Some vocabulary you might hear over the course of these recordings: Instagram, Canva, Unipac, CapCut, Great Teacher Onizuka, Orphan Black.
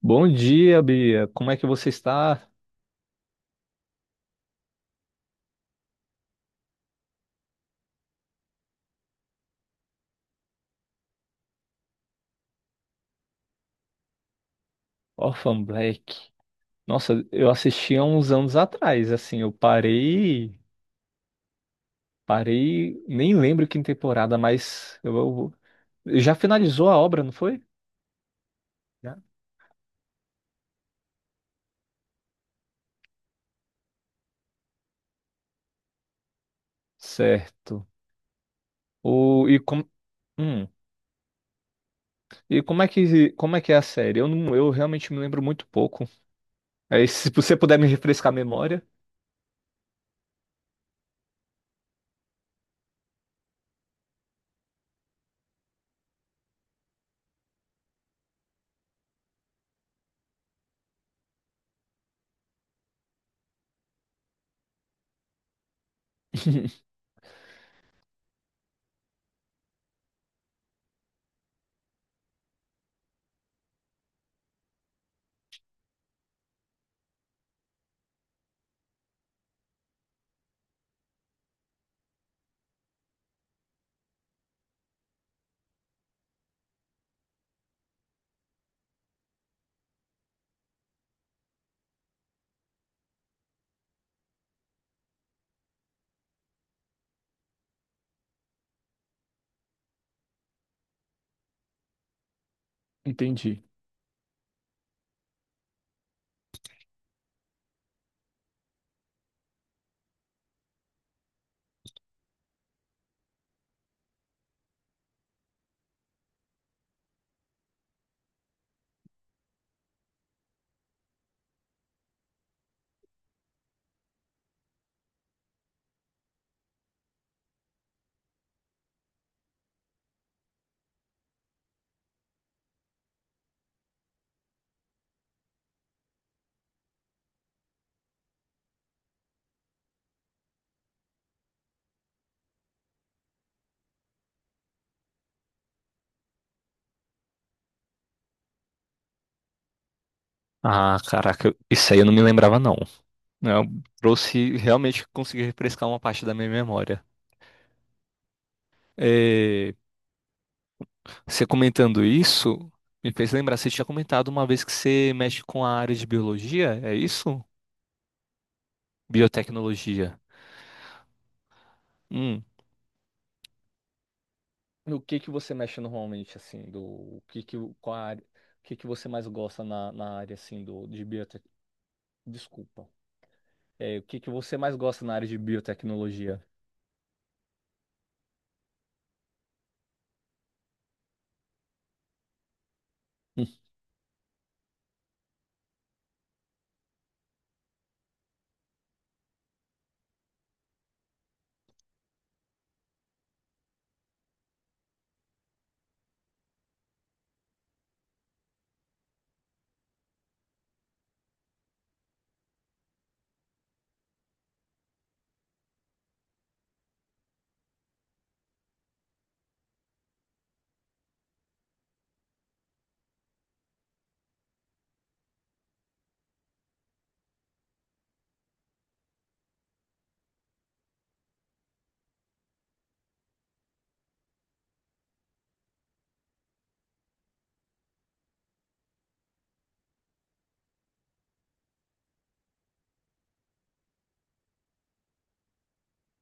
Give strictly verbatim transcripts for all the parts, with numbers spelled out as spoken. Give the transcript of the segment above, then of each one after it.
Bom dia, Bia. Como é que você está? Orphan Black. Nossa, eu assisti há uns anos atrás, assim, eu parei, parei, nem lembro que temporada, mas eu, eu- eu- já finalizou a obra, não foi? Já? Certo. O, e, com, hum, e como é que, como é que é a série? Eu não, eu realmente me lembro muito pouco. Aí, se você puder me refrescar a memória. Entendi. Ah, caraca, eu- isso aí eu não me lembrava não. Eu trouxe, realmente consegui refrescar uma parte da minha memória. É, você comentando isso me fez lembrar, você tinha comentado uma vez que você mexe com a área de biologia, é isso? Biotecnologia. Hum. O que que você mexe normalmente, assim, do o que que o- qual a área, o que que você mais gosta na, na área, assim, do de biotec... Desculpa. É, o que que você mais gosta na área de biotecnologia? Hum.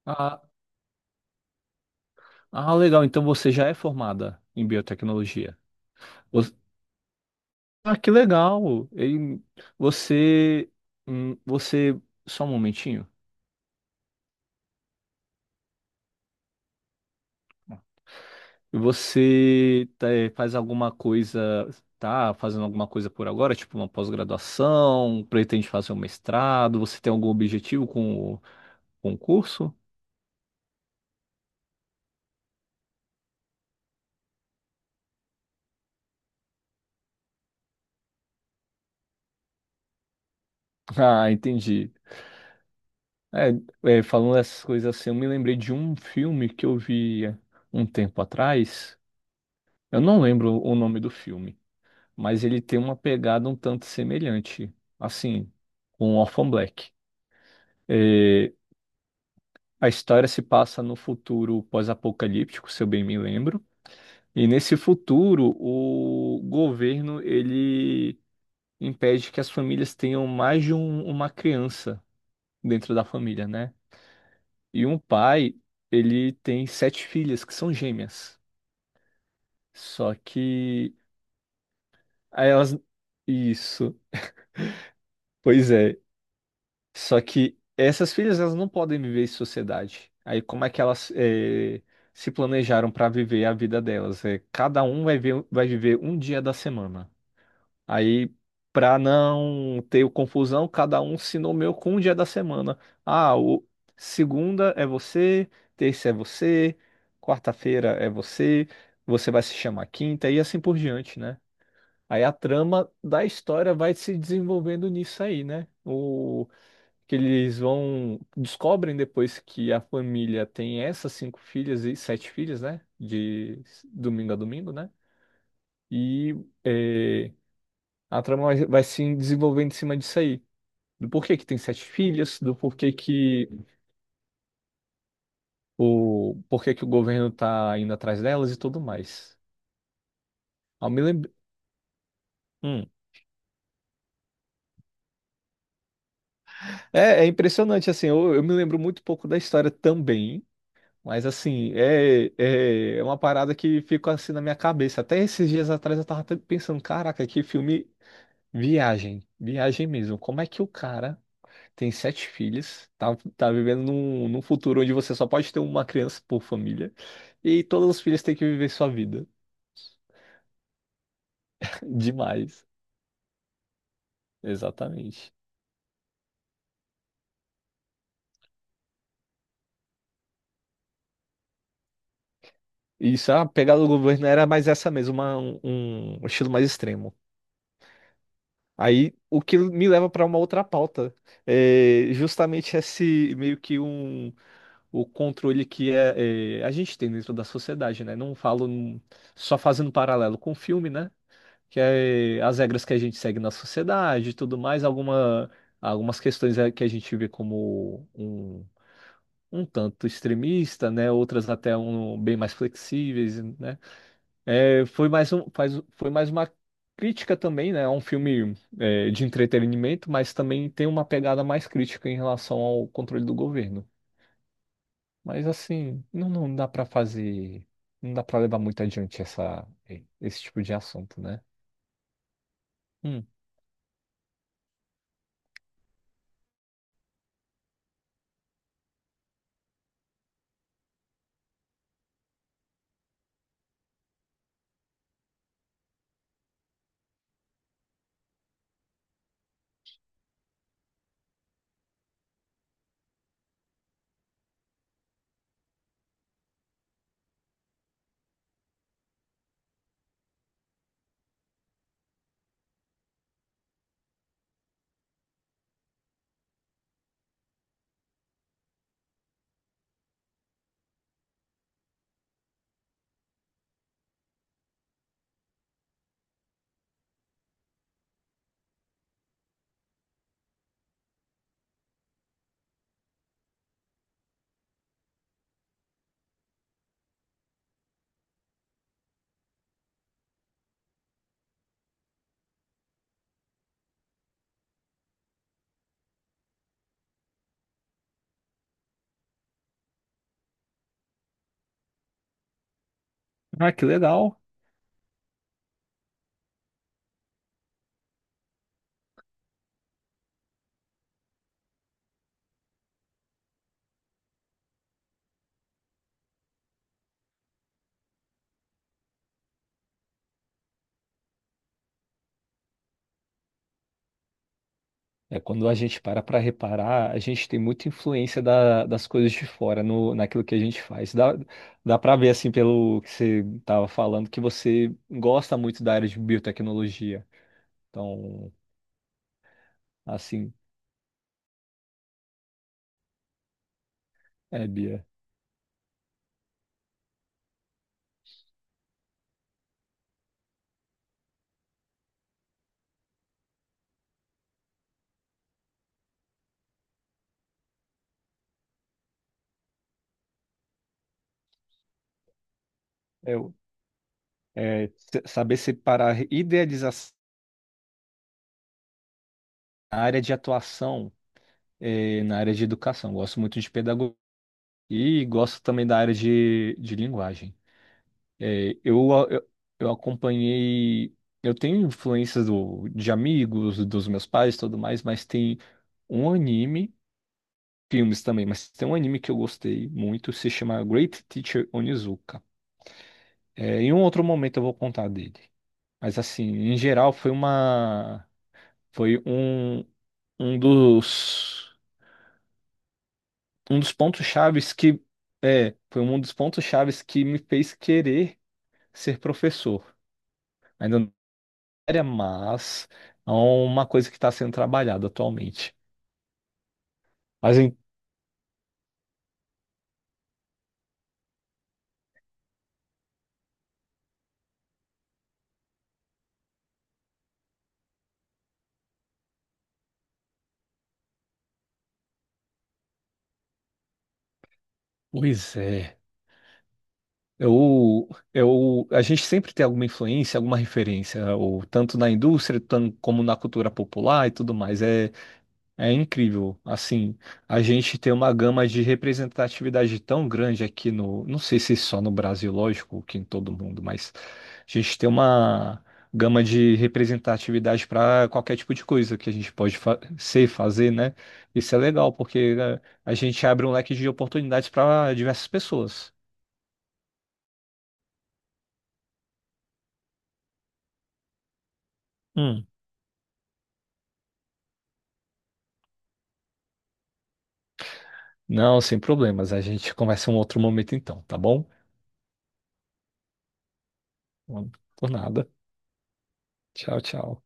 Ah, ah, legal. Então você já é formada em biotecnologia. Você- Ah, que legal. E você, hum, você só um momentinho. E você tá, eh, faz alguma coisa, tá fazendo alguma coisa por agora, tipo uma pós-graduação, pretende fazer um mestrado, você tem algum objetivo com o concurso? Ah, entendi. É, é, falando essas coisas assim, eu me lembrei de um filme que eu vi um tempo atrás. Eu não lembro o nome do filme, mas ele tem uma pegada um tanto semelhante, assim, com Orphan Black. É, a história se passa no futuro pós-apocalíptico, se eu bem me lembro. E nesse futuro, o governo ele impede que as famílias tenham mais de um- uma criança dentro da família, né? E um pai, ele tem sete filhas que são gêmeas. Só que aí elas isso, pois é. Só que essas filhas elas não podem viver em sociedade. Aí como é que elas eh, se planejaram para viver a vida delas? É, cada um vai ver- vai viver um dia da semana. Aí, para não ter o confusão, cada um se nomeou com um dia da semana. Ah, o segunda é você, terça é você, quarta-feira é você, você vai se chamar quinta e assim por diante, né? Aí a trama da história vai se desenvolvendo nisso aí, né? O que eles vão descobrem depois que a família tem essas cinco filhas e sete filhas, né? De domingo a domingo, né? E eh, a trama vai vai se desenvolvendo em cima disso aí. Do porquê que tem sete filhas, do porquê que o, porquê que o governo tá indo atrás delas e tudo mais. Eu me lembro... Hum. É, é impressionante, assim, eu, eu me lembro muito pouco da história também, mas assim, é, é, é uma parada que fica assim na minha cabeça. Até esses dias atrás eu tava até pensando, caraca, que filme viagem, viagem mesmo. Como é que o cara tem sete filhos, tá, tá vivendo num, num futuro onde você só pode ter uma criança por família e todos os filhos têm que viver sua vida. Demais, exatamente. Isso, a pegada do governo era mais essa mesmo, uma- um, um estilo mais extremo. Aí, o que me leva para uma outra pauta, é justamente esse meio que um o controle que é, é, a gente tem dentro da sociedade, né? Não falo num- só fazendo paralelo com o filme, né? Que é as regras que a gente segue na sociedade e tudo mais, alguma, algumas questões é que a gente vê como um, um tanto extremista, né? Outras até um, bem mais flexíveis, né? É, foi mais um, faz, foi mais uma crítica também, né? É um filme é, de entretenimento, mas também tem uma pegada mais crítica em relação ao controle do governo. Mas assim, não, não dá para fazer, não dá para levar muito adiante essa, esse tipo de assunto, né? Hum. Ah, que legal. É, quando a gente para para reparar, a gente tem muita influência da- das coisas de fora no, naquilo que a gente faz. Dá, dá para ver, assim, pelo que você estava falando, que você gosta muito da área de biotecnologia. Então, assim, é, Bia, eu, é, se- saber separar idealização na área de atuação é, na área de educação. Gosto muito de pedagogia e gosto também da área de, de linguagem. É, eu, a- eu, eu acompanhei. Eu tenho influências do, de amigos, dos meus pais e tudo mais, mas tem um anime, filmes também, mas tem um anime que eu gostei muito, se chama Great Teacher Onizuka. É, em um outro momento eu vou contar dele. Mas assim, em geral foi uma. Foi um, um dos. Um dos pontos chaves que. É, foi um dos pontos chaves que me fez querer ser professor. Ainda área, mas é uma coisa que está sendo trabalhada atualmente. Mas, em- pois é, eu, eu, a gente sempre tem alguma influência, alguma referência, ou tanto na indústria, tan- como na cultura popular e tudo mais. é É incrível, assim, a gente tem uma gama de representatividade tão grande aqui no, não sei se só no Brasil, lógico, que em todo mundo, mas a gente tem uma gama de representatividade para qualquer tipo de coisa que a gente pode fa ser, fazer, né? Isso é legal, porque né, a gente abre um leque de oportunidades para diversas pessoas. Hum. Não, sem problemas, a gente conversa em um outro momento então, tá bom? Por nada. Tchau, tchau.